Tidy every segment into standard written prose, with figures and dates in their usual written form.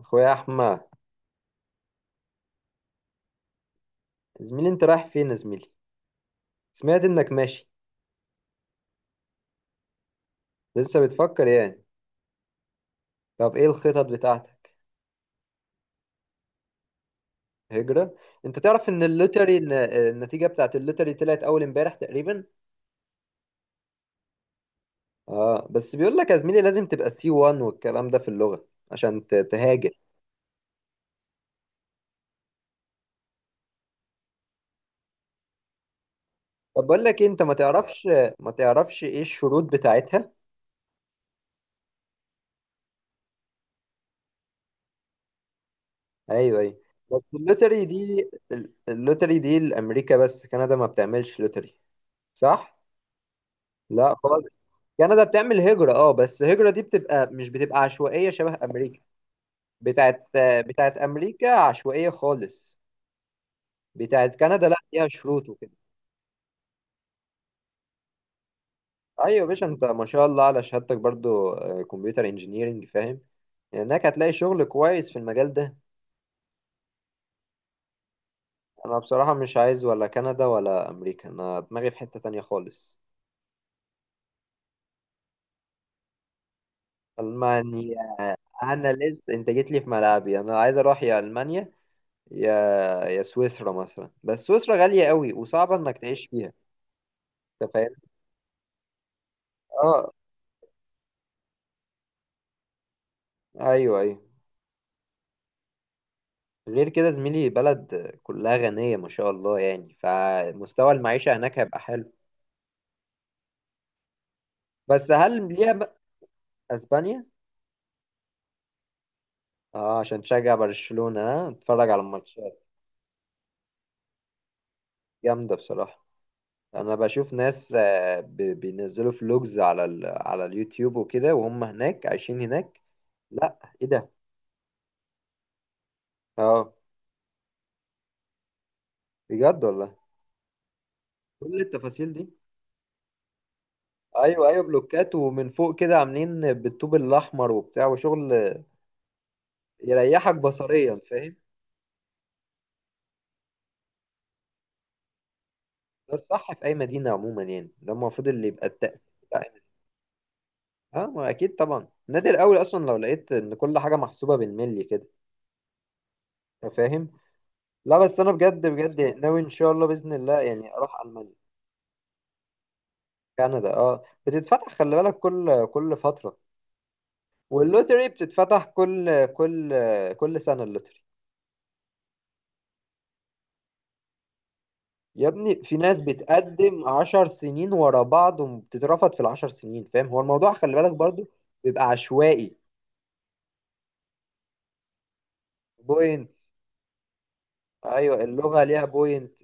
اخويا احمد، يا زميلي انت رايح فين يا زميلي؟ سمعت انك ماشي. لسه بتفكر يعني؟ طب ايه الخطط بتاعتك؟ هجرة؟ انت تعرف ان اللوتري النتيجة بتاعت اللوتري طلعت اول امبارح تقريبا. اه، بس بيقول لك يا زميلي لازم تبقى سي 1 والكلام ده في اللغة عشان تهاجر. طب بقول لك إيه، انت ما تعرفش ايه الشروط بتاعتها؟ ايوه ايوه. بس اللوتري دي لامريكا، بس كندا ما بتعملش لوتري، صح؟ لا، خالص. كندا بتعمل هجرة، اه، بس الهجرة دي مش بتبقى عشوائية شبه أمريكا. بتاعت بتاعت أمريكا عشوائية خالص. بتاعت كندا لا فيها شروط وكده. أيوة يا باشا، أنت ما شاء الله على شهادتك برضو، كمبيوتر انجينيرنج، فاهم؟ هناك هتلاقي شغل كويس في المجال ده. أنا بصراحة مش عايز ولا كندا ولا أمريكا، أنا دماغي في حتة تانية خالص. ألمانيا؟ أنا لسه أنت جيت لي في ملعبي، أنا عايز أروح يا ألمانيا، يا يا سويسرا مثلا، بس سويسرا غالية قوي وصعبة انك تعيش فيها. انت فاهم؟ اه، ايوه ايوه. غير كده زميلي بلد كلها غنية ما شاء الله يعني، فمستوى المعيشة هناك هيبقى حلو. بس هل ليها بقى. اسبانيا؟ اه، عشان تشجع برشلونة ها اتفرج على الماتشات؟ جامدة بصراحة. انا بشوف ناس، بينزلوا فلوجز على على اليوتيوب وكده وهم هناك عايشين هناك. لا، ايه ده؟ اه، بجد والله. كل التفاصيل دي. ايوه ايوه، بلوكات ومن فوق كده عاملين بالطوب الاحمر وبتاع وشغل. يريحك بصريا، فاهم؟ ده الصح في اي مدينه عموما، يعني ده المفروض اللي يبقى التأثير بتاع أي مدينة. اه، ما اكيد طبعا، نادر قوي اصلا لو لقيت ان كل حاجه محسوبه بالملي كده. أنت فاهم؟ لا بس انا بجد بجد ناوي ان شاء الله باذن الله يعني اروح المانيا. كندا، اه، بتتفتح، خلي بالك، كل فتره. واللوتري بتتفتح كل سنه اللوتري. يا ابني في ناس بتقدم 10 سنين ورا بعض وبتترفض في ال10 سنين، فاهم؟ هو الموضوع خلي بالك برضو بيبقى عشوائي. بوينت؟ ايوه، اللغة ليها بوينت.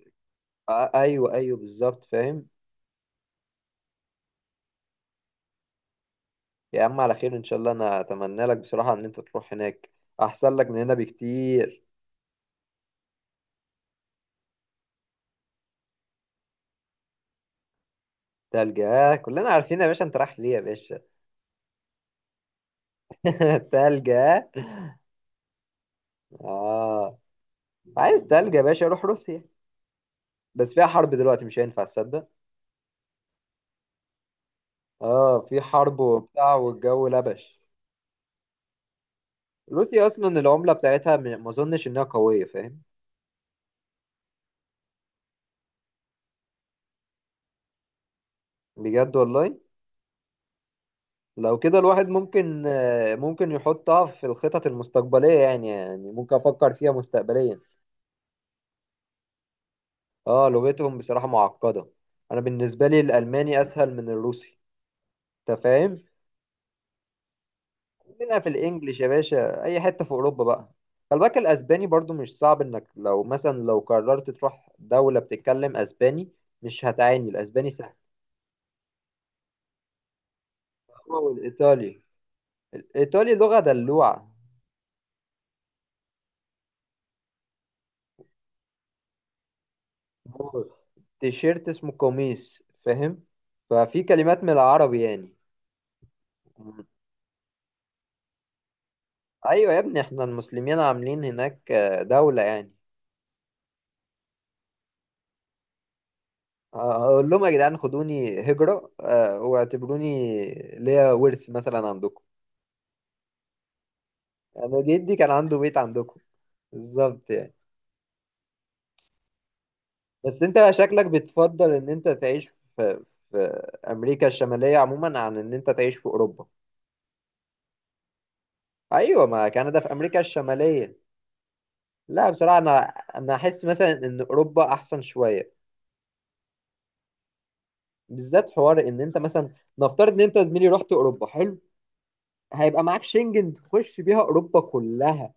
ايوه ايوه، بالظبط فاهم. يا عم على خير ان شاء الله، انا اتمنى لك بصراحة ان انت تروح هناك، احسن لك من هنا بكتير. تلجة كلنا عارفين يا باشا، انت رايح ليه يا باشا؟ تلجة. اه. عايز تلجة يا باشا، روح روسيا، بس فيها حرب دلوقتي مش هينفع تصدق. اه، في حرب وبتاع والجو لبش. روسيا اصلا العمله بتاعتها ما اظنش انها قويه، فاهم؟ بجد والله. لو كده الواحد ممكن، ممكن يحطها في الخطط المستقبليه يعني، يعني ممكن افكر فيها مستقبليا. اه، لغتهم بصراحه معقده. انا بالنسبه لي الالماني اسهل من الروسي. انت فاهم؟ خلينا في الانجليش يا باشا، اي حته في اوروبا بقى. خلي بالك الاسباني برضو مش صعب انك لو مثلا لو قررت تروح دوله بتتكلم اسباني، مش هتعاني، الاسباني سهل. هو والايطالي. الايطالي لغه دلوعه. تيشيرت اسمه قميص، فاهم؟ ففي كلمات من العربي يعني. ايوه يا ابني، احنا المسلمين عاملين هناك، دولة يعني. هقول لهم يا جدعان خدوني هجرة، واعتبروني ليا ورث مثلا عندكم. انا جدي كان عنده بيت عندكم، بالظبط يعني. بس انت شكلك بتفضل ان انت تعيش في في امريكا الشمالية عموما عن ان انت تعيش في اوروبا. ايوه، ما كندا في امريكا الشمالية. لا بصراحة انا احس مثلا ان اوروبا احسن شوية. بالذات حوار ان انت مثلا نفترض ان انت يا زميلي رحت اوروبا، حلو هيبقى معاك شنجن تخش بيها اوروبا كلها.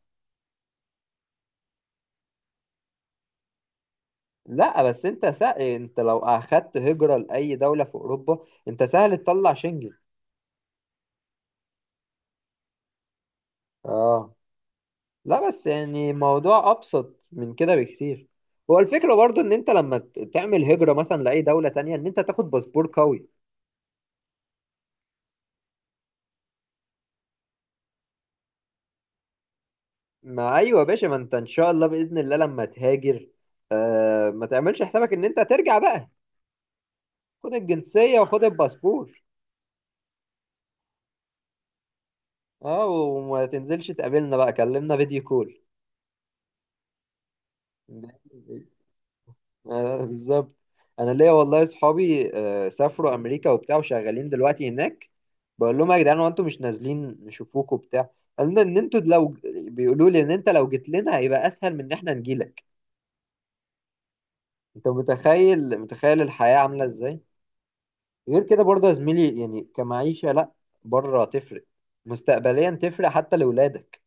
لا بس انت سهل، انت لو اخدت هجرة لاي دولة في اوروبا انت سهل تطلع شنجن. اه، لا بس يعني موضوع ابسط من كده بكتير. هو الفكرة برضو ان انت لما تعمل هجرة مثلا لاي دولة تانية، ان انت تاخد باسبور قوي. ما ايوه يا باشا، ما انت ان شاء الله باذن الله لما تهاجر، ما تعملش حسابك ان انت ترجع بقى، خد الجنسية وخد الباسبور. اه، وما تنزلش تقابلنا بقى، كلمنا فيديو كول. بالظبط. انا ليا والله اصحابي، سافروا امريكا وبتاع وشغالين دلوقتي هناك. بقول لهم يا جدعان هو انتوا مش نازلين نشوفوكوا وبتاع. قالوا لنا ان انتوا لو، بيقولوا لي ان انت لو جيت لنا هيبقى اسهل من ان احنا نجيلك. انت متخيل متخيل الحياة عاملة ازاي؟ غير كده برضه يا زميلي يعني، كمعيشة لا بره تفرق. مستقبليا تفرق حتى لولادك،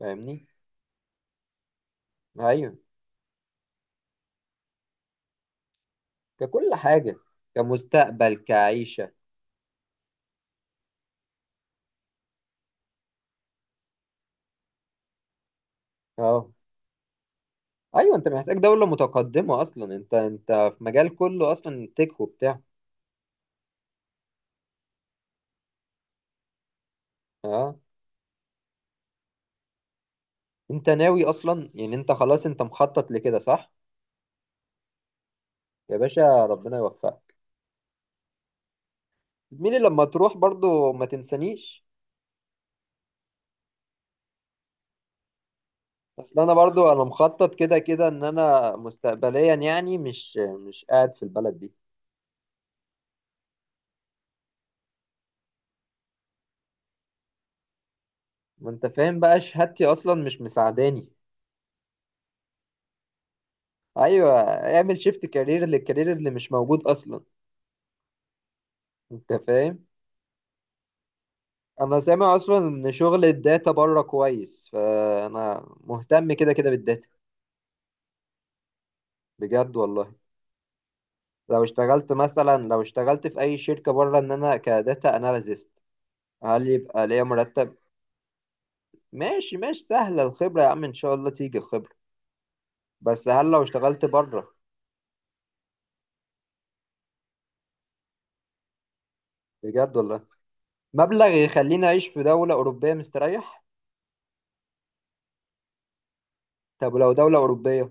فاهمني؟ ايوه، ككل حاجة كمستقبل كعيشة. اه، ايوه، انت محتاج دولة متقدمة اصلا، انت في مجال كله اصلا تك وبتاع. اه، انت ناوي اصلا يعني انت خلاص انت مخطط لكده، صح؟ يا باشا ربنا يوفقك. مين لما تروح برضو ما تنسانيش. اصل انا برضو انا مخطط كده كده ان انا مستقبليا يعني، مش قاعد في البلد دي. ما انت فاهم بقى شهادتي اصلا مش مساعداني. ايوه، اعمل شيفت كارير للكارير اللي مش موجود اصلا. انت فاهم؟ انا سامع اصلا ان شغل الداتا بره كويس، فانا مهتم كده كده بالداتا. بجد والله. لو اشتغلت مثلا لو اشتغلت في اي شركه بره ان انا كداتا اناليست، هل يبقى ليا مرتب؟ ماشي ماشي سهله الخبره يا عم، ان شاء الله تيجي الخبره. بس هل لو اشتغلت بره؟ بجد والله، مبلغ يخليني اعيش في دوله اوروبيه مستريح؟ طب لو دوله اوروبيه،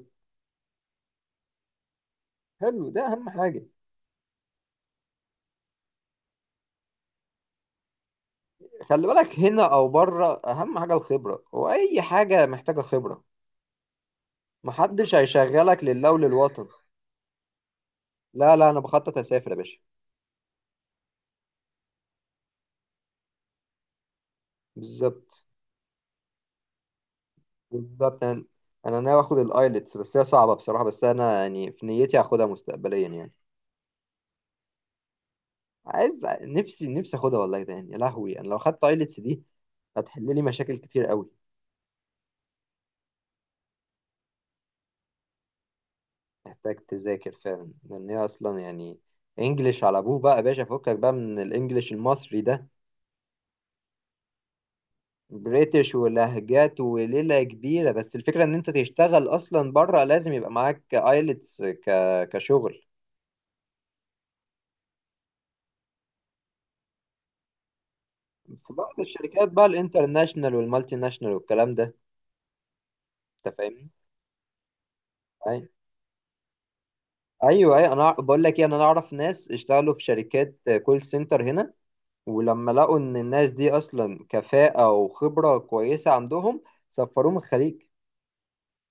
حلو، ده اهم حاجه. خلي بالك هنا او بره اهم حاجه الخبره، واي حاجه محتاجه خبره. محدش هيشغلك لله وللوطن. لا لا انا بخطط اسافر يا باشا، بالظبط. بالظبط انا ناوي اخد الايلتس، بس هي صعبه بصراحه، بس انا يعني في نيتي هاخدها مستقبليا يعني. عايز نفسي نفسي اخدها والله، ده يعني يا لهوي، انا لو خدت ايلتس دي هتحل لي مشاكل كتير قوي. محتاج تذاكر فعلا لان هي اصلا يعني انجليش على ابوه بقى يا باشا، فكك بقى من الانجليش المصري ده. بريتش ولهجات وليلة كبيرة، بس الفكرة ان انت تشتغل اصلا بره لازم يبقى معاك ايلتس كشغل. في بعض الشركات بقى الانترناشنال والمالتي ناشنال والكلام ده، انت فاهمني؟ أي- ايوه ايوه، انا بقول لك ايه، انا اعرف ناس اشتغلوا في شركات كول سنتر هنا، ولما لقوا ان الناس دي اصلا كفاءة وخبرة كويسة عندهم سفروهم الخليج،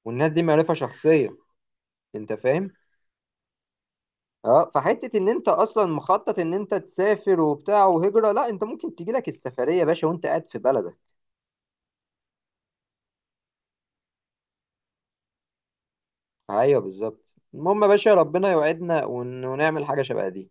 والناس دي معرفة شخصية، انت فاهم؟ اه، فحته ان انت اصلا مخطط ان انت تسافر وبتاع وهجره، لا انت ممكن تجي لك السفريه يا باشا وانت قاعد في بلدك. ايوه بالظبط. المهم يا باشا، ربنا يوعدنا ونعمل حاجه شبه دي.